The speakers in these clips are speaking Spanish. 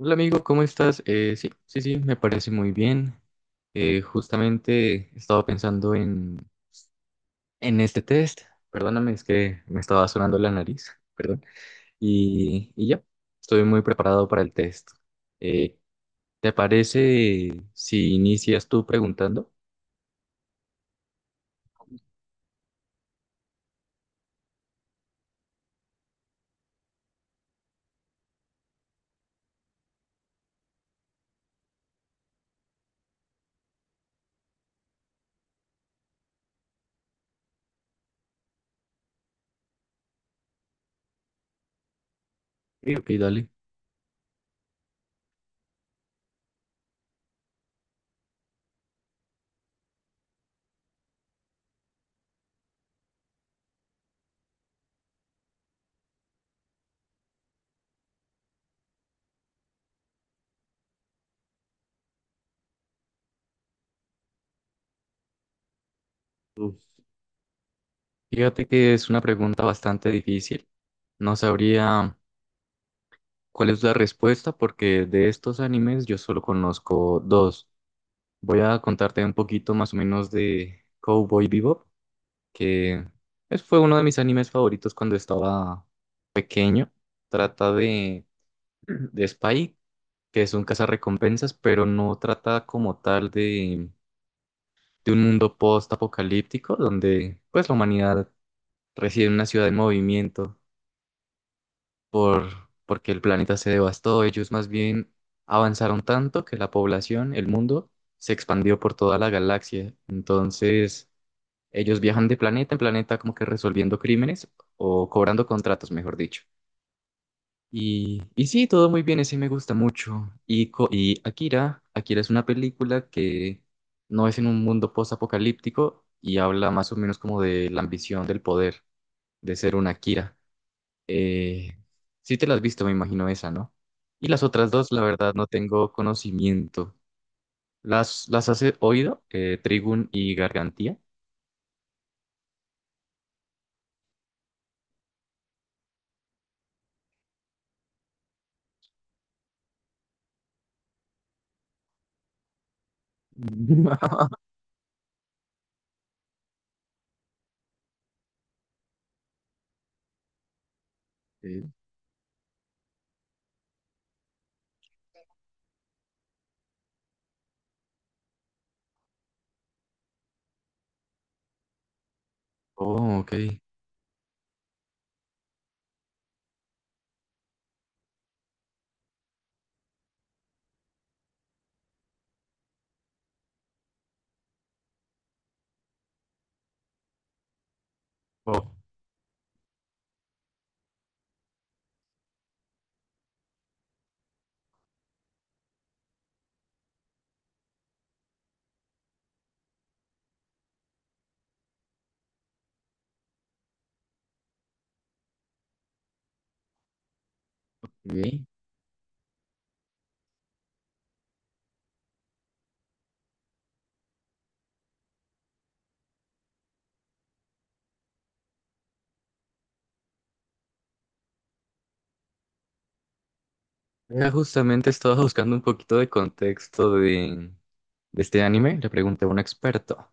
Hola amigo, ¿cómo estás? Sí, sí, sí, me parece muy bien. Justamente estaba pensando en este test. Perdóname, es que me estaba sonando la nariz, perdón. Y ya, estoy muy preparado para el test. Eh, ¿Te parece si inicias tú preguntando? Sí, ok, dale. Uf. Fíjate que es una pregunta bastante difícil. No sabría cuál es la respuesta porque de estos animes yo solo conozco dos. Voy a contarte un poquito más o menos de Cowboy Bebop, que fue uno de mis animes favoritos cuando estaba pequeño. Trata de, de Spike, que es un cazarrecompensas, pero no trata como tal de un mundo post-apocalíptico, donde pues la humanidad reside en una ciudad en movimiento por, porque el planeta se devastó. Ellos más bien avanzaron tanto que la población, el mundo, se expandió por toda la galaxia. Entonces, ellos viajan de planeta en planeta como que resolviendo crímenes o cobrando contratos, mejor dicho. Y sí, todo muy bien, ese me gusta mucho. Y, y Akira, Akira es una película que no es en un mundo post-apocalíptico y habla más o menos como de la ambición del poder, de ser un Akira. Eh, sí te la has visto, me imagino esa, ¿no? Y las otras dos, la verdad, no tengo conocimiento. ¿Las has oído? Trigun y Gargantía. Eh, oh, ok. Ok. Mira, justamente estaba buscando un poquito de contexto de este anime, le pregunté a un experto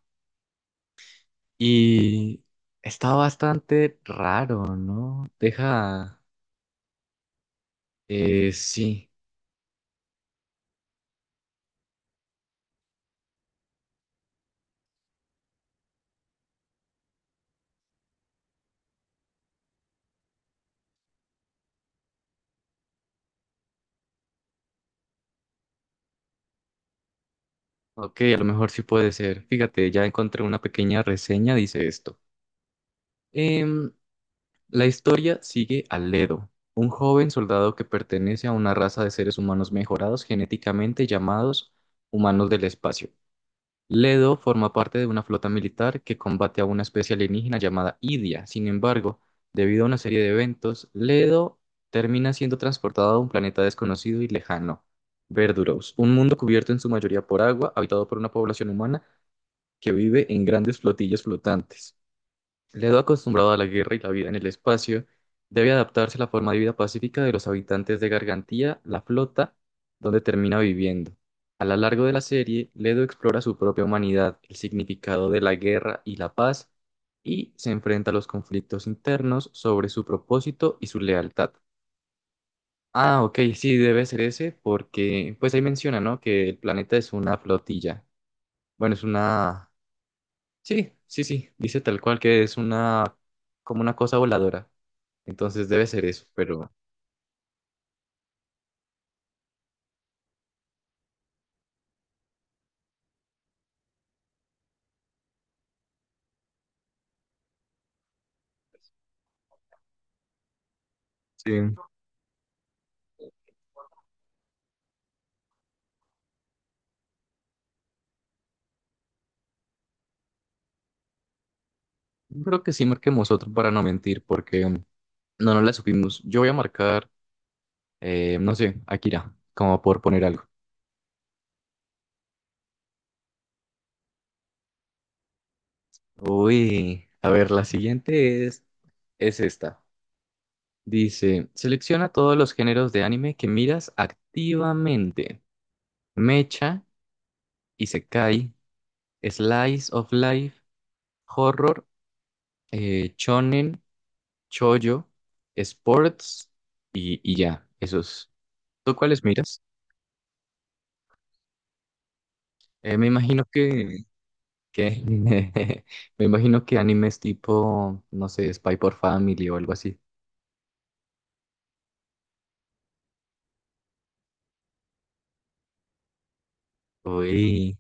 y está bastante raro, ¿no? Deja, sí, ok, a lo mejor sí puede ser. Fíjate, ya encontré una pequeña reseña, dice esto. Em, la historia sigue a Ledo, un joven soldado que pertenece a una raza de seres humanos mejorados genéticamente llamados humanos del espacio. Ledo forma parte de una flota militar que combate a una especie alienígena llamada Idia. Sin embargo, debido a una serie de eventos, Ledo termina siendo transportado a un planeta desconocido y lejano, Verduros, un mundo cubierto en su mayoría por agua, habitado por una población humana que vive en grandes flotillas flotantes. Ledo, acostumbrado a la guerra y la vida en el espacio, debe adaptarse a la forma de vida pacífica de los habitantes de Gargantía, la flota, donde termina viviendo. A lo largo de la serie, Ledo explora su propia humanidad, el significado de la guerra y la paz, y se enfrenta a los conflictos internos sobre su propósito y su lealtad. Ah, ok, sí, debe ser ese, porque pues ahí menciona, ¿no? Que el planeta es una flotilla. Bueno, es una, sí, sí, sí, dice tal cual que es una, como una cosa voladora. Entonces debe ser eso, pero sí, yo creo que sí marquemos otro para no mentir, porque no, no la supimos. Yo voy a marcar, no sé, Akira, como por poner algo. Uy, a ver, la siguiente es esta. Dice, selecciona todos los géneros de anime que miras activamente. Mecha, Isekai, Slice of Life, Horror, Shonen Choyo, Sports y ya, esos. ¿Tú cuáles miras? Me imagino que me imagino que animes tipo, no sé, Spy por Family o algo así. Uy,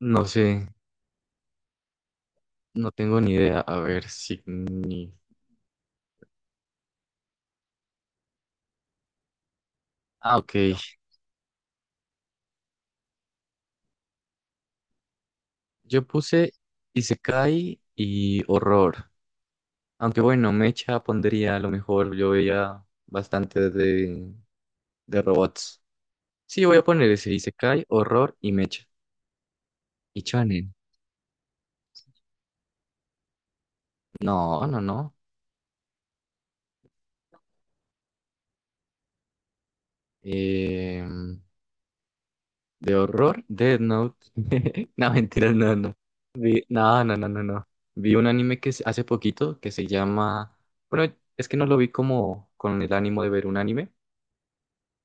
no sé, no tengo ni idea. A ver si ah, ok. Yo puse Isekai y horror. Aunque bueno, Mecha pondría a lo mejor, yo veía bastante de robots. Sí, voy a poner ese Isekai, horror y Mecha. Y shonen. No, no, no. Em, de horror, Death Note. No, mentiras, no, no. No, no, no, no, no. Vi un anime que hace poquito que se llama. Bueno, es que no lo vi como con el ánimo de ver un anime,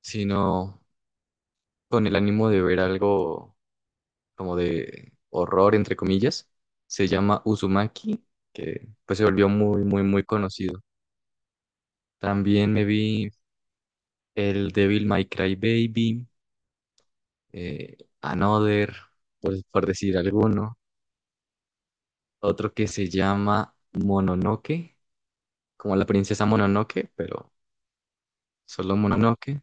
sino con el ánimo de ver algo como de horror, entre comillas. Se llama Uzumaki, que pues se volvió muy, muy, muy conocido. También me vi el Devil May Cry Baby, Another, pues, por decir alguno. Otro que se llama Mononoke, como la princesa Mononoke, pero solo Mononoke.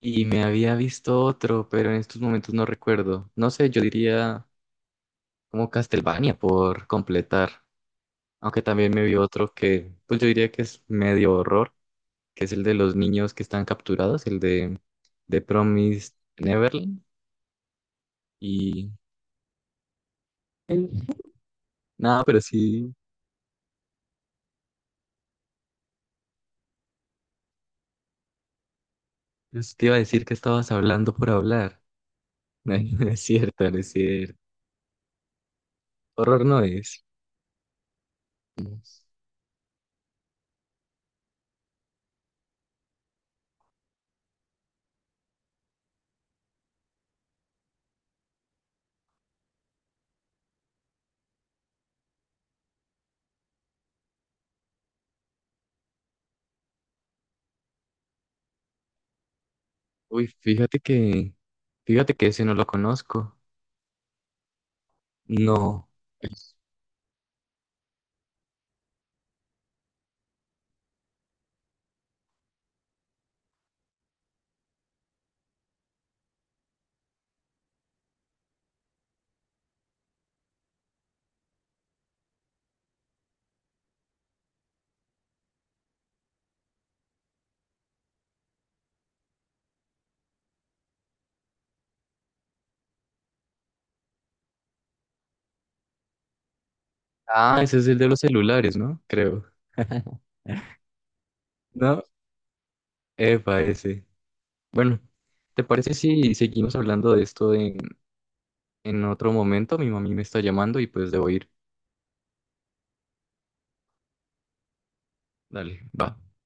Y me había visto otro, pero en estos momentos no recuerdo. No sé, yo diría como Castlevania por completar. Aunque también me vi otro que, pues yo diría que es medio horror, que es el de los niños que están capturados, el de Promised Neverland. Y nada, pero sí. Pues te iba a decir que estabas hablando por hablar. No, no es cierto, no es cierto. Horror no es. Uy, fíjate que ese no lo conozco. No. Ah, ese es el de los celulares, ¿no? Creo. No, epa, ese. Bueno, ¿te parece si seguimos hablando de esto en otro momento? Mi mami me está llamando y pues debo ir. Dale, va.